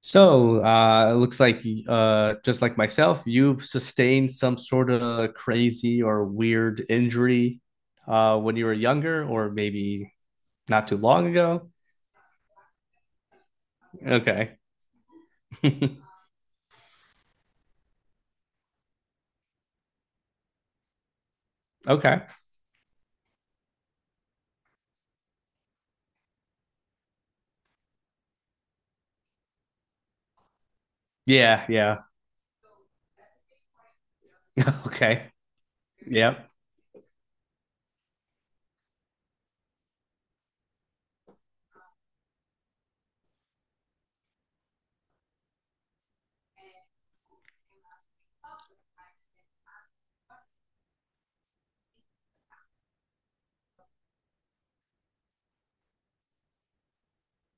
So, it looks like, just like myself, you've sustained some sort of crazy or weird injury, when you were younger, or maybe not too long ago. Okay. Okay. Yeah. Yeah. Okay. Yep.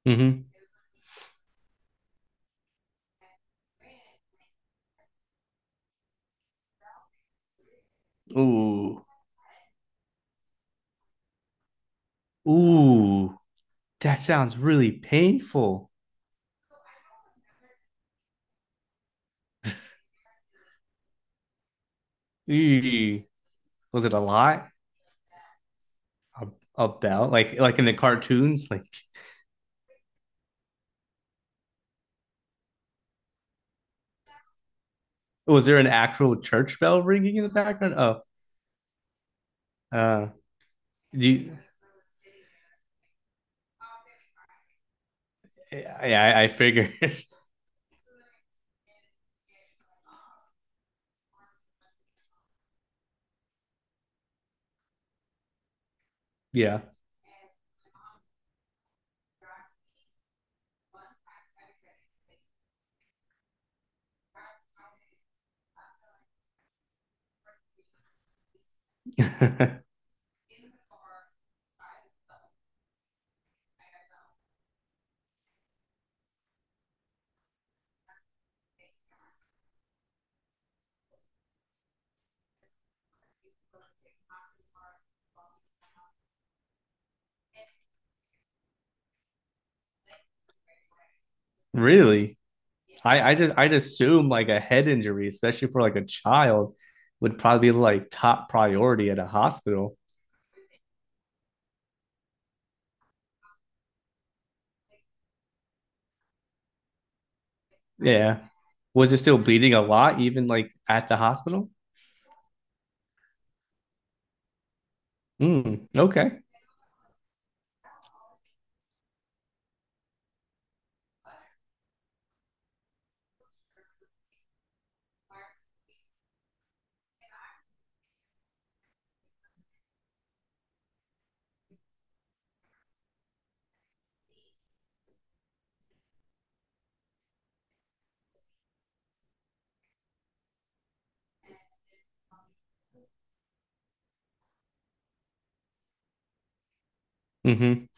Mm-hmm. Ooh. Ooh. That sounds really painful. Eee. Was it a lot? A, a bell? Like in the cartoons? Like, was there an actual church bell ringing in the background? Oh, uh, do you. Yeah, I figured. Yeah. Really? I'd assume like a head injury, especially for like a child, would probably be like top priority at a hospital. Yeah. Was it still bleeding a lot, even like at the hospital? Mm, okay. Mm-hmm.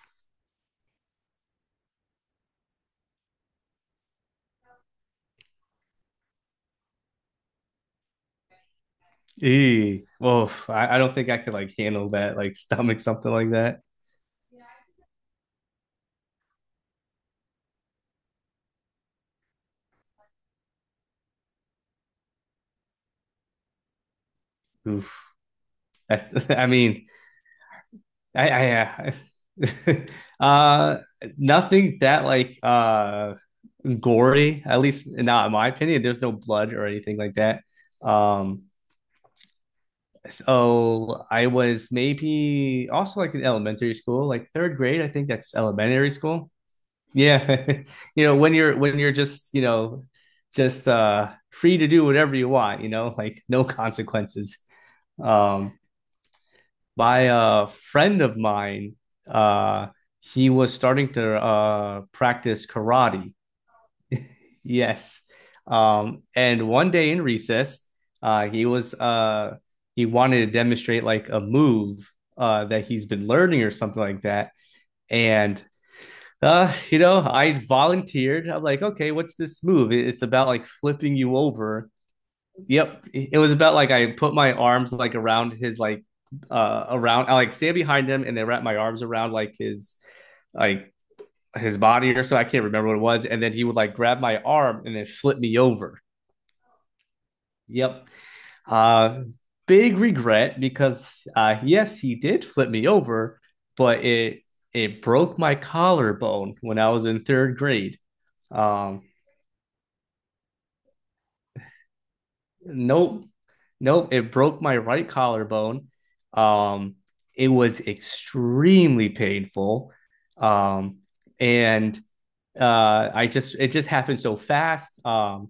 Eee. Well, I don't think I could like handle that, like stomach something like that. Oof. I mean, I, I, I uh, nothing that like gory. At least not in my opinion. There's no blood or anything like that. Um, so I was maybe also like in elementary school, like third grade. I think that's elementary school. Yeah. When you're just, just free to do whatever you want, like no consequences. Um by a friend of mine, uh he was starting to practice karate. Yes. And one day in recess, uh, he was uh, he wanted to demonstrate like a move that he's been learning or something like that. And I volunteered. I'm like, okay, what's this move? It's about like flipping you over. Yep, it was about like I put my arms like around his like around. I like stand behind him and then wrap my arms around like like his body or so. I can't remember what it was. And then he would like grab my arm and then flip me over. Yep. Uh, big regret because yes, he did flip me over, but it broke my collarbone when I was in third grade. Um, nope, nope, it broke my right collarbone. Um, it was extremely painful, um, and I just it just happened so fast.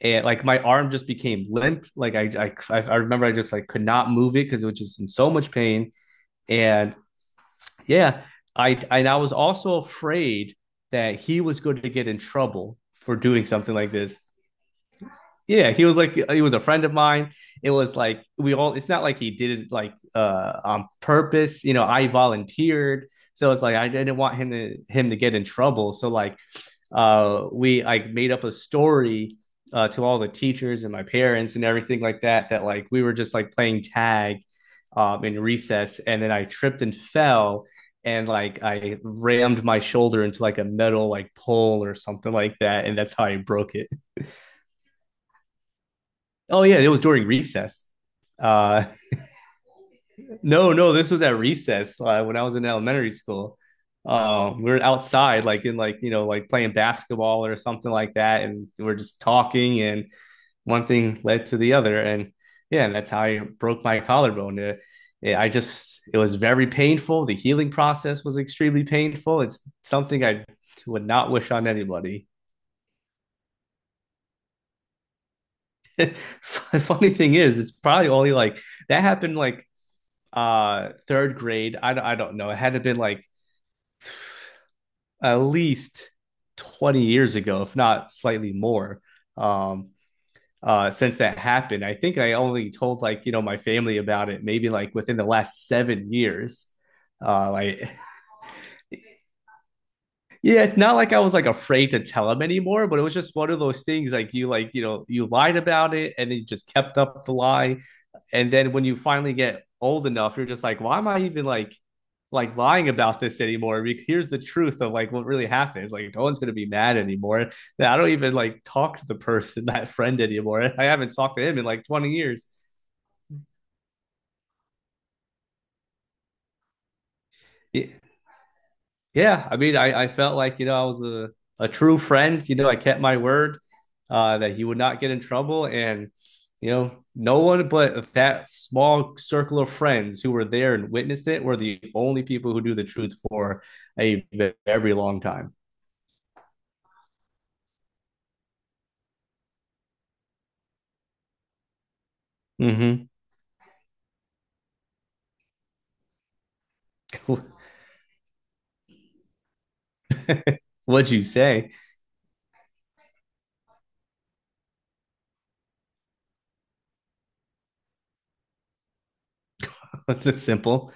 And like my arm just became limp. Like I remember I just like could not move it because it was just in so much pain. And yeah, I was also afraid that he was going to get in trouble for doing something like this. Yeah, he was a friend of mine. It was like we all it's not like he did it like on purpose, I volunteered. So it's like I didn't want him to get in trouble. So like we like made up a story to all the teachers and my parents and everything like that that like we were just like playing tag in recess and then I tripped and fell and like I rammed my shoulder into like a metal like pole or something like that and that's how I broke it. Oh yeah, it was during recess. uh no, no, this was at recess when I was in elementary school. We were outside like in like like playing basketball or something like that and we're just talking and one thing led to the other, and yeah, and that's how I broke my collarbone. Yeah, I just it was very painful. The healing process was extremely painful. It's something I would not wish on anybody. The funny thing is, it's probably only like that happened like third grade. I don't know. It had to have been like at least 20 years ago, if not slightly more. Um, since that happened. I think I only told like my family about it maybe like within the last 7 years. Like yeah, it's not like I was like afraid to tell them anymore, but it was just one of those things like you like you lied about it and then you just kept up the lie, and then when you finally get old enough, you're just like, why am I even like lying about this anymore. Because here's the truth of like what really happens. Like no one's gonna be mad anymore. I don't even like talk to the person, that friend anymore. I haven't talked to him in like 20 years. It, yeah, I mean, I felt like, I was a true friend. I kept my word that he would not get in trouble. And, no one but that small circle of friends who were there and witnessed it were the only people who knew the truth for a very long time. Mm-hmm. What'd you say? That's simple.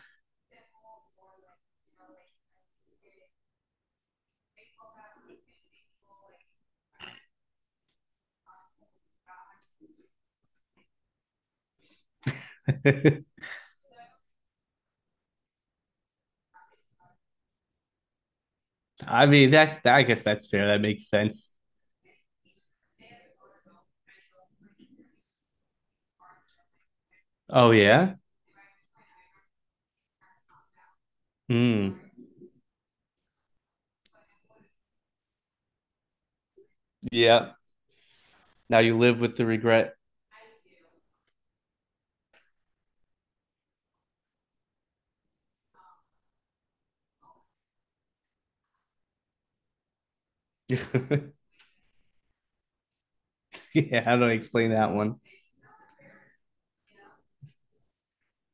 I mean, I guess that's fair. That makes sense. Oh, yeah? Hmm. Yeah. Now you live with the regret. Yeah, how do I explain that one?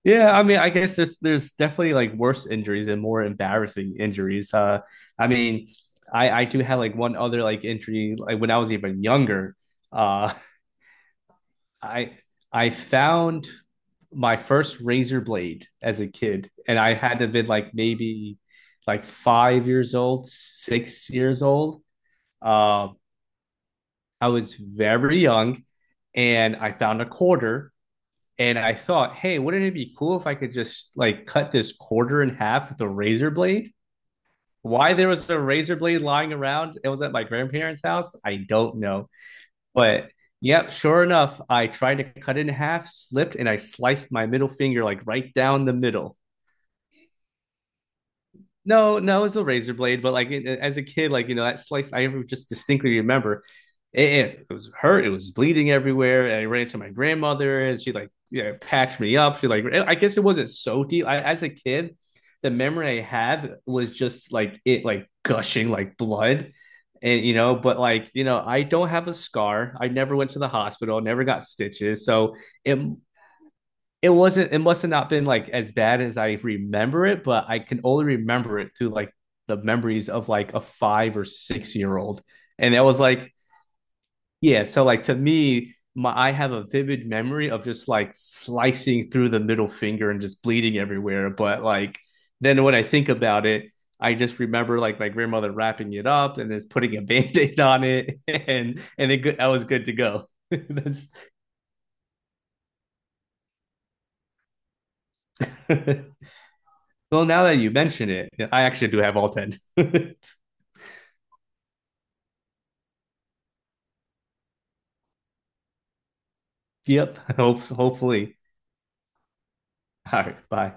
Yeah, I mean, I guess there's definitely like worse injuries and more embarrassing injuries. I mean, I do have like one other like injury like when I was even younger. Uh, I I found my first razor blade as a kid, and I had to have been like maybe like 5 years old, 6 years old. Uh, I was very young, and I found a quarter. And I thought, hey, wouldn't it be cool if I could just like cut this quarter in half with a razor blade? Why there was a razor blade lying around? It was at my grandparents' house. I don't know. But yep, sure enough, I tried to cut it in half, slipped, and I sliced my middle finger like right down the middle. No, no, it's a razor blade, but as a kid, like that slice, I just distinctly remember. It was hurt. It was bleeding everywhere. And I ran to my grandmother, and she like yeah packed me up. She like I guess it wasn't so deep. As a kid, the memory I have was just like it like gushing like blood, and but like I don't have a scar. I never went to the hospital. Never got stitches. So it it must have not been like as bad as I remember it, but I can only remember it through like the memories of like a 5 or 6 year old. And that was like, yeah, so like to me, my I have a vivid memory of just like slicing through the middle finger and just bleeding everywhere. But like then when I think about it, I just remember like my grandmother wrapping it up and then putting a band-aid on it and it I was good to go. That's Well, now that you mention it, I actually do have all 10. Yep. Hopefully. All right. Bye.